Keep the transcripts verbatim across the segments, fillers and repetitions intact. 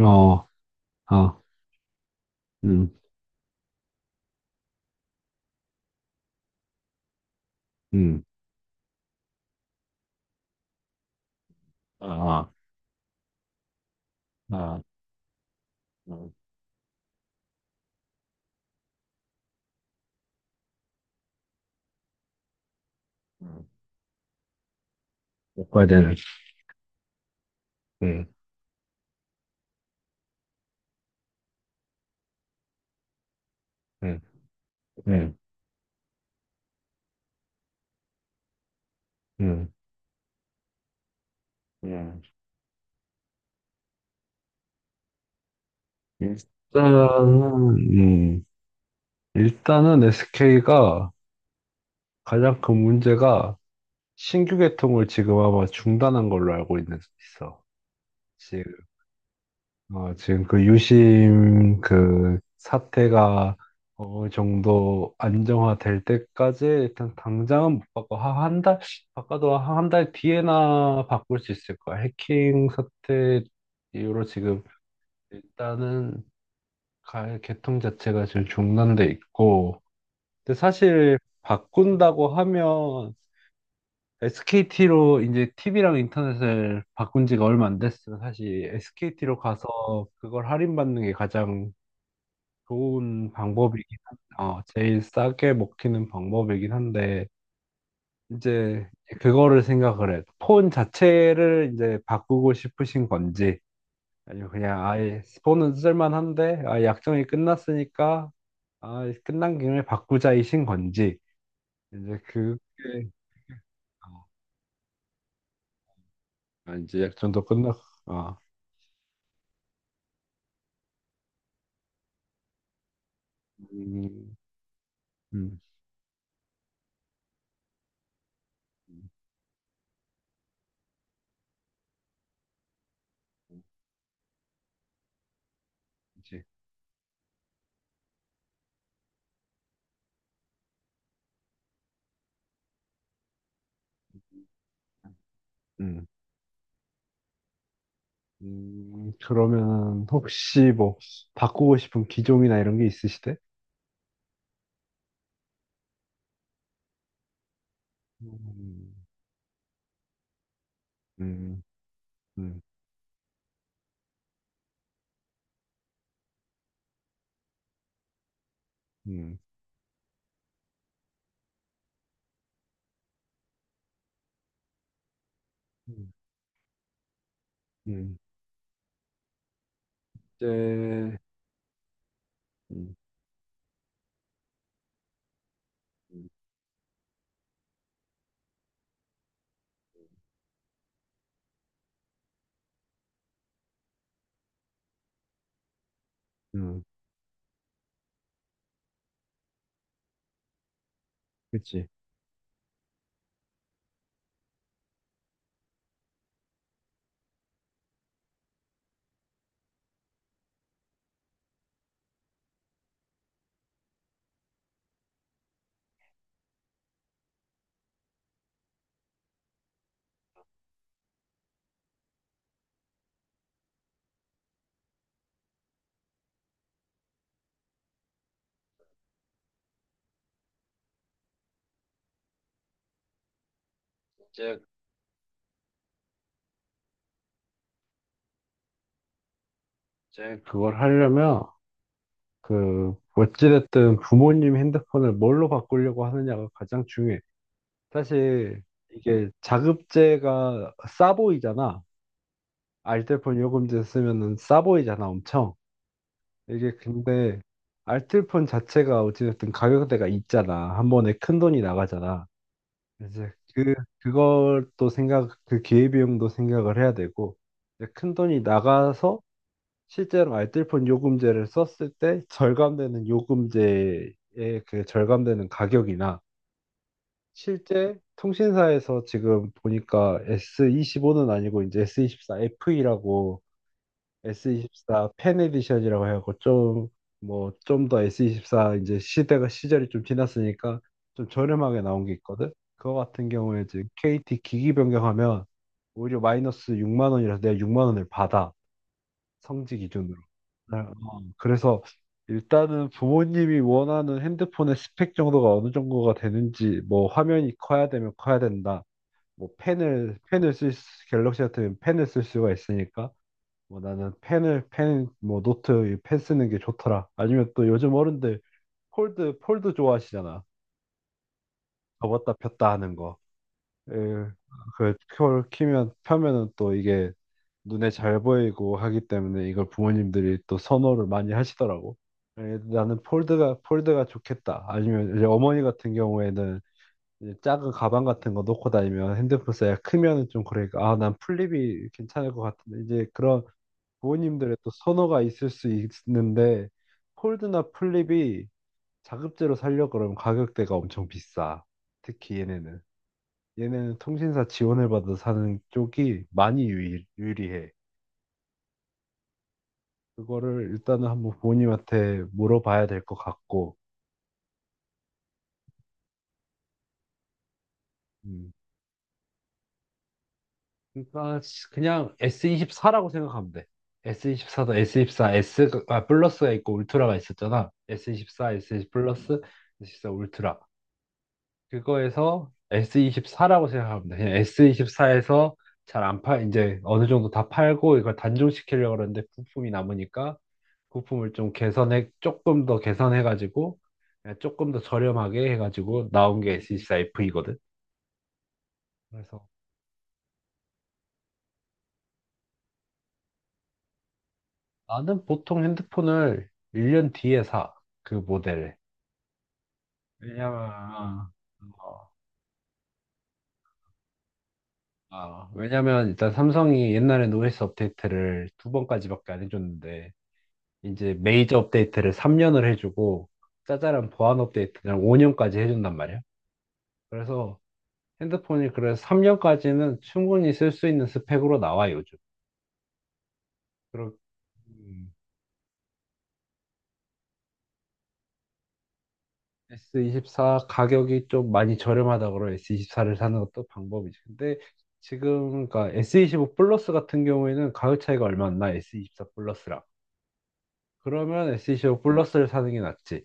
어, 아, 음, 음, 아, 아, 아, 음, 음. 먹어야 되는, 음, 음, 음, 음, 음. 일단은, 음, 일단은 에스케이가 가장 큰 문제가 신규 개통을 지금 아마 중단한 걸로 알고 있는, 있어. 어, 지금 그 유심 그 사태가 어, 어느 정도 안정화될 때까지 일단 당장은 못 바꿔. 한, 한 달, 바꿔도 한 달 뒤에나 바꿀 수 있을 거야. 해킹 사태 이후로 지금 일단은 가- 개통 자체가 지금 중단돼 있고. 근데 사실 바꾼다고 하면 에스케이티로 이제 티비랑 인터넷을 바꾼 지가 얼마 안 됐으면 사실 에스케이티로 가서 그걸 할인받는 게 가장 좋은 방법이긴 한, 어, 제일 싸게 먹히는 방법이긴 한데, 이제 그거를 생각을 해. 폰 자체를 이제 바꾸고 싶으신 건지, 아니면 그냥 아예 폰은 쓸만한데, 아, 약정이 끝났으니까, 아, 끝난 김에 바꾸자이신 건지, 이제 그게, 어, 아, 이제 약정도 끝났, 어, 음, 음, 그치. 음, 음, 그러면 혹시 뭐 바꾸고 싶은 기종이나 이런 게 있으시대? 음, 음, 음, 음, 음. 음. 이제, 음, 음, 음, 그치. 이제, 이제 그걸 하려면, 그, 어찌됐든 부모님 핸드폰을 뭘로 바꾸려고 하느냐가 가장 중요해. 사실, 이게 자급제가 싸 보이잖아. 알뜰폰 요금제 쓰면은 싸 보이잖아, 엄청. 이게 근데, 알뜰폰 자체가 어찌됐든 가격대가 있잖아. 한 번에 큰 돈이 나가잖아. 이제 그 그것도 생각 그 기회비용도 생각을 해야 되고 이제 큰 돈이 나가서 실제로 알뜰폰 요금제를 썼을 때 절감되는 요금제의 그 절감되는 가격이나 실제 통신사에서 지금 보니까 에스 이십오는 아니고 이제 에스 이십사 에프이라고 에스 이십사 팬 에디션이라고 해갖고 좀 뭐 좀 더 에스 이십사 이제 시대가 시절이 좀 지났으니까 좀 저렴하게 나온 게 있거든. 그거 같은 경우에 지금 케이티 기기 변경하면 오히려 마이너스 육만 원이라서 내가 육만 원을 받아 성지 기준으로. 네, 어, 그래서 일단은 부모님이 원하는 핸드폰의 스펙 정도가 어느 정도가 되는지 뭐 화면이 커야 되면 커야 된다. 뭐 펜을 펜을 쓸 수- 갤럭시 같은 펜을 쓸 수가 있으니까 뭐 나는 펜을 펜 뭐 노트 이펜 쓰는 게 좋더라. 아니면 또 요즘 어른들 폴드 폴드 좋아하시잖아. 접었다 폈다 하는 거. 에, 그 폴 키면 펴면은 또 이게 눈에 잘 보이고 하기 때문에 이걸 부모님들이 또 선호를 많이 하시더라고. 에, 나는 폴드가 폴드가 좋겠다. 아니면 이제 어머니 같은 경우에는 이제 작은 가방 같은 거 놓고 다니면 핸드폰 사이가 크면은 좀 그러니까 아 난 플립이 괜찮을 것 같은데 이제 그런 부모님들의 또 선호가 있을 수 있는데 폴드나 플립이 자급제로 살려 그러면 가격대가 엄청 비싸. 특히 얘네는. 얘네는 통신사 지원을 받아 사는 쪽이 많이 유리, 유리해. 그거를 일단은 한번 부모님한테 물어봐야 될 것 같고. 음. 그러니까 그냥 에스 이십사라고 생각하면 돼. 에스 이십사도 에스 이십사, S, 아, 플러스가 있고 울트라가 있었잖아. 에스 이십사, 에스 이십사 플러스, 에스 이십사 울트라. 그거에서 에스 이십사라고 생각하면 돼. 그냥 에스 이십사에서 잘 안 팔, 이제 어느 정도 다 팔고 이걸 단종시키려고 그러는데 부품이 남으니까 부품을 좀 개선해, 조금 더 개선해가지고 그냥 조금 더 저렴하게 해가지고 나온 게 s 이 사 v 이거든. 그래서 나는 보통 핸드폰을 일 년 뒤에 사. 그 모델을. 왜냐면, 어, 아, 왜냐면 일단 삼성이 옛날에 노이즈 업데이트를 두 번까지밖에 안 해줬는데 이제 메이저 업데이트를 삼 년을 해주고 짜잘한 보안 업데이트를 오 년까지 해준단 말이야. 그래서 핸드폰이 그래서 삼 년까지는 충분히 쓸 수 있는 스펙으로 나와 요즘. 그리고 음, 에스 이십사 가격이 좀 많이 저렴하다 그러 에스 이십사를 사는 것도 방법이지. 근데 지금 그러니까 에스 이십오 플러스 같은 경우에는 가격 차이가 얼마 안 나. 에스 이십사 플러스랑. 그러면 에스 이십오 플러스를 사는 게 낫지.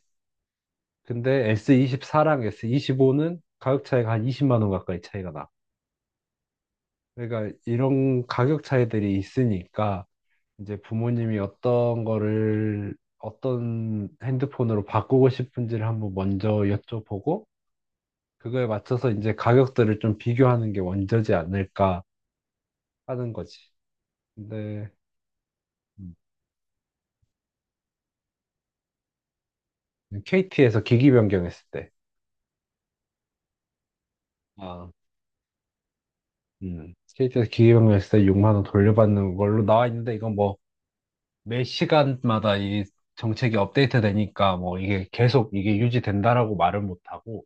근데 에스 이십사랑 에스 이십오는 가격 차이가 한 이십만 원 가까이 차이가 나. 그러니까 이런 가격 차이들이 있으니까 이제 부모님이 어떤 거를 어떤 핸드폰으로 바꾸고 싶은지를 한번 먼저 여쭤보고 그거에 맞춰서 이제 가격들을 좀 비교하는 게 원저지 않을까 하는 거지. 근데 음, 케이티에서 기기 변경했을 때, 아, 음, 케이티에서 기기 변경했을 때 육만 원 돌려받는 걸로 나와 있는데 이건 뭐 매 시간마다 이 정책이 업데이트 되니까 뭐 이게 계속 이게 유지된다라고 말을 못 하고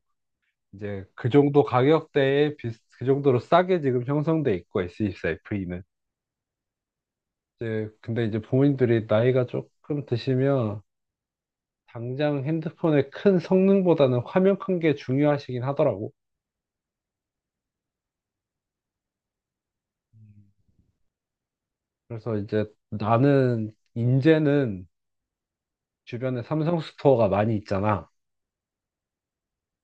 이제 그 정도 가격대에 비슷, 그 정도로 싸게 지금 형성돼 있고 s 이 사 f 는 이제 근데 이제 부모님들이 나이가 조금 드시면 당장 핸드폰의 큰 성능보다는 화면 큰 게 중요하시긴 하더라고. 음. 그래서 이제 나는 인제는 주변에 삼성 스토어가 많이 있잖아.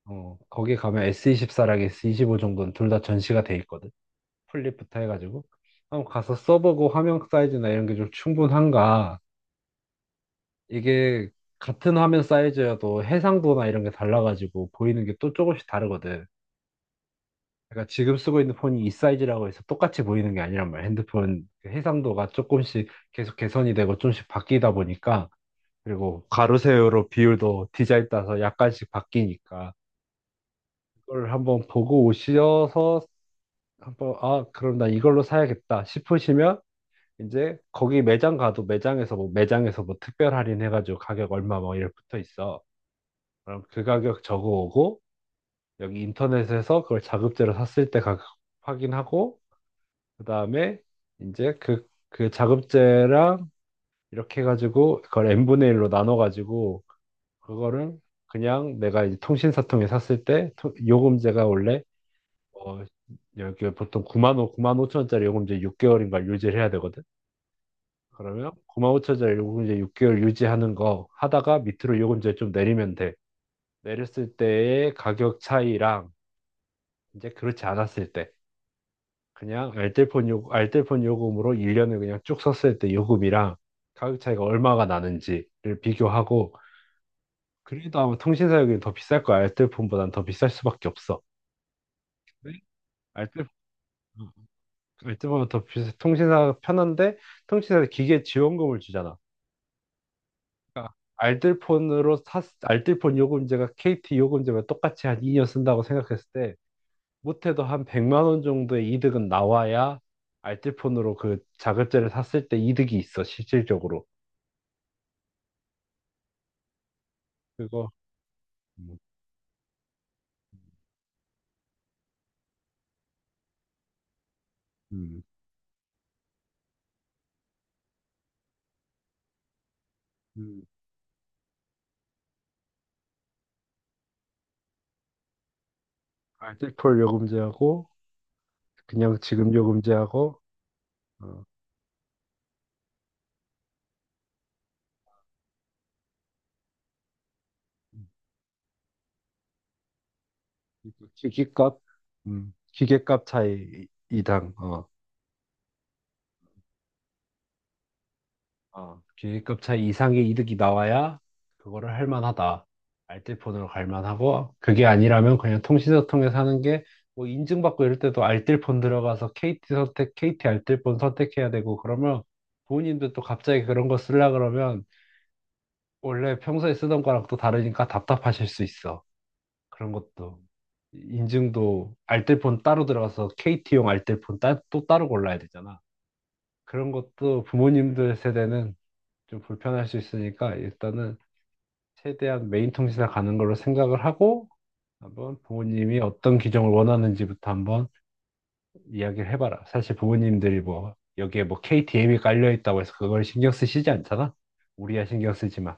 어, 거기 가면 에스 이십사랑 에스 이십오 정도는 둘 다 전시가 돼 있거든. 플립부터 해가지고. 한번 가서 써보고 화면 사이즈나 이런 게 좀 충분한가 이게 같은 화면 사이즈여도 해상도나 이런 게 달라가지고 보이는 게 또 조금씩 다르거든. 그러니까 지금 쓰고 있는 폰이 이 사이즈라고 해서 똑같이 보이는 게 아니란 말이야. 핸드폰 그 해상도가 조금씩 계속 개선이 되고 조금씩 바뀌다 보니까 그리고 가로 세로로 비율도 디자인 따서 약간씩 바뀌니까 그걸 한번 보고 오셔서 한번 아 그럼 나 이걸로 사야겠다 싶으시면 이제 거기 매장 가도 매장에서 뭐 매장에서 뭐 특별 할인 해가지고 가격 얼마 뭐 이렇게 붙어 있어. 그럼 그 가격 적어오고 여기 인터넷에서 그걸 자급제로 샀을 때 가격 확인하고 그 다음에 이제 그, 그 자급제랑 이렇게 해가지고 그걸 n분의 일로 나눠가지고 그거를 그냥 내가 이제 통신사 통해 샀을 때 토- 요금제가 원래 어 여기 보통 구만 원, 구만 오천 원짜리 요금제 육 개월인가 유지를 해야 되거든. 그러면 구만 오천 원짜리 요금제 육 개월 유지하는 거 하다가 밑으로 요금제 좀 내리면 돼. 내렸을 때의 가격 차이랑 이제 그렇지 않았을 때 그냥 알뜰폰 요금, 알뜰폰 요금으로 일 년을 그냥 쭉 썼을 때 요금이랑 가격 차이가 얼마가 나는지를 비교하고 그래도 아마 통신사 요금이 더 비쌀 거야. 알뜰폰보단 더 비쌀 수밖에 없어. 근데 알뜰 알뜰폰은 더 비싸. 통신사가 편한데 통신사에서 기계 지원금을 주잖아. 그러니까 알뜰폰으로 샀 알뜰폰 요금제가 케이티 요금제와 똑같이 한 이 년 쓴다고 생각했을 때 못해도 한 백만 원 정도의 이득은 나와야 알뜰폰으로 그 자급제를 샀을 때 이득이 있어, 실질적으로. 그거, 음, 음, 음. 알뜰폰 요금제하고, 그냥 지금 요금제하고, 어, 음. 기기값, 음, 기계값 차이 이당, 어, 어, 기계급차 이상의 이득이 나와야 그거를 할 만하다. 알뜰폰으로 갈 만하고 그게 아니라면 그냥 통신사 통해서 하는 게 뭐 인증받고 이럴 때도 알뜰폰 들어가서 케이티 선택, 케이티 알뜰폰 선택해야 되고 그러면 부모님들 또 갑자기 그런 거 쓰려 그러면 원래 평소에 쓰던 거랑 또 다르니까 답답하실 수 있어. 그런 것도 인증도 알뜰폰 따로 들어가서 케이티용 알뜰폰 따, 또 따로 골라야 되잖아. 그런 것도 부모님들 세대는 좀 불편할 수 있으니까 일단은 최대한 메인 통신사 가는 걸로 생각을 하고 한번 부모님이 어떤 규정을 원하는지부터 한번 이야기를 해봐라. 사실 부모님들이 뭐 여기에 뭐 케이티엠이 깔려 있다고 해서 그걸 신경 쓰시지 않잖아. 우리야 신경 쓰지만.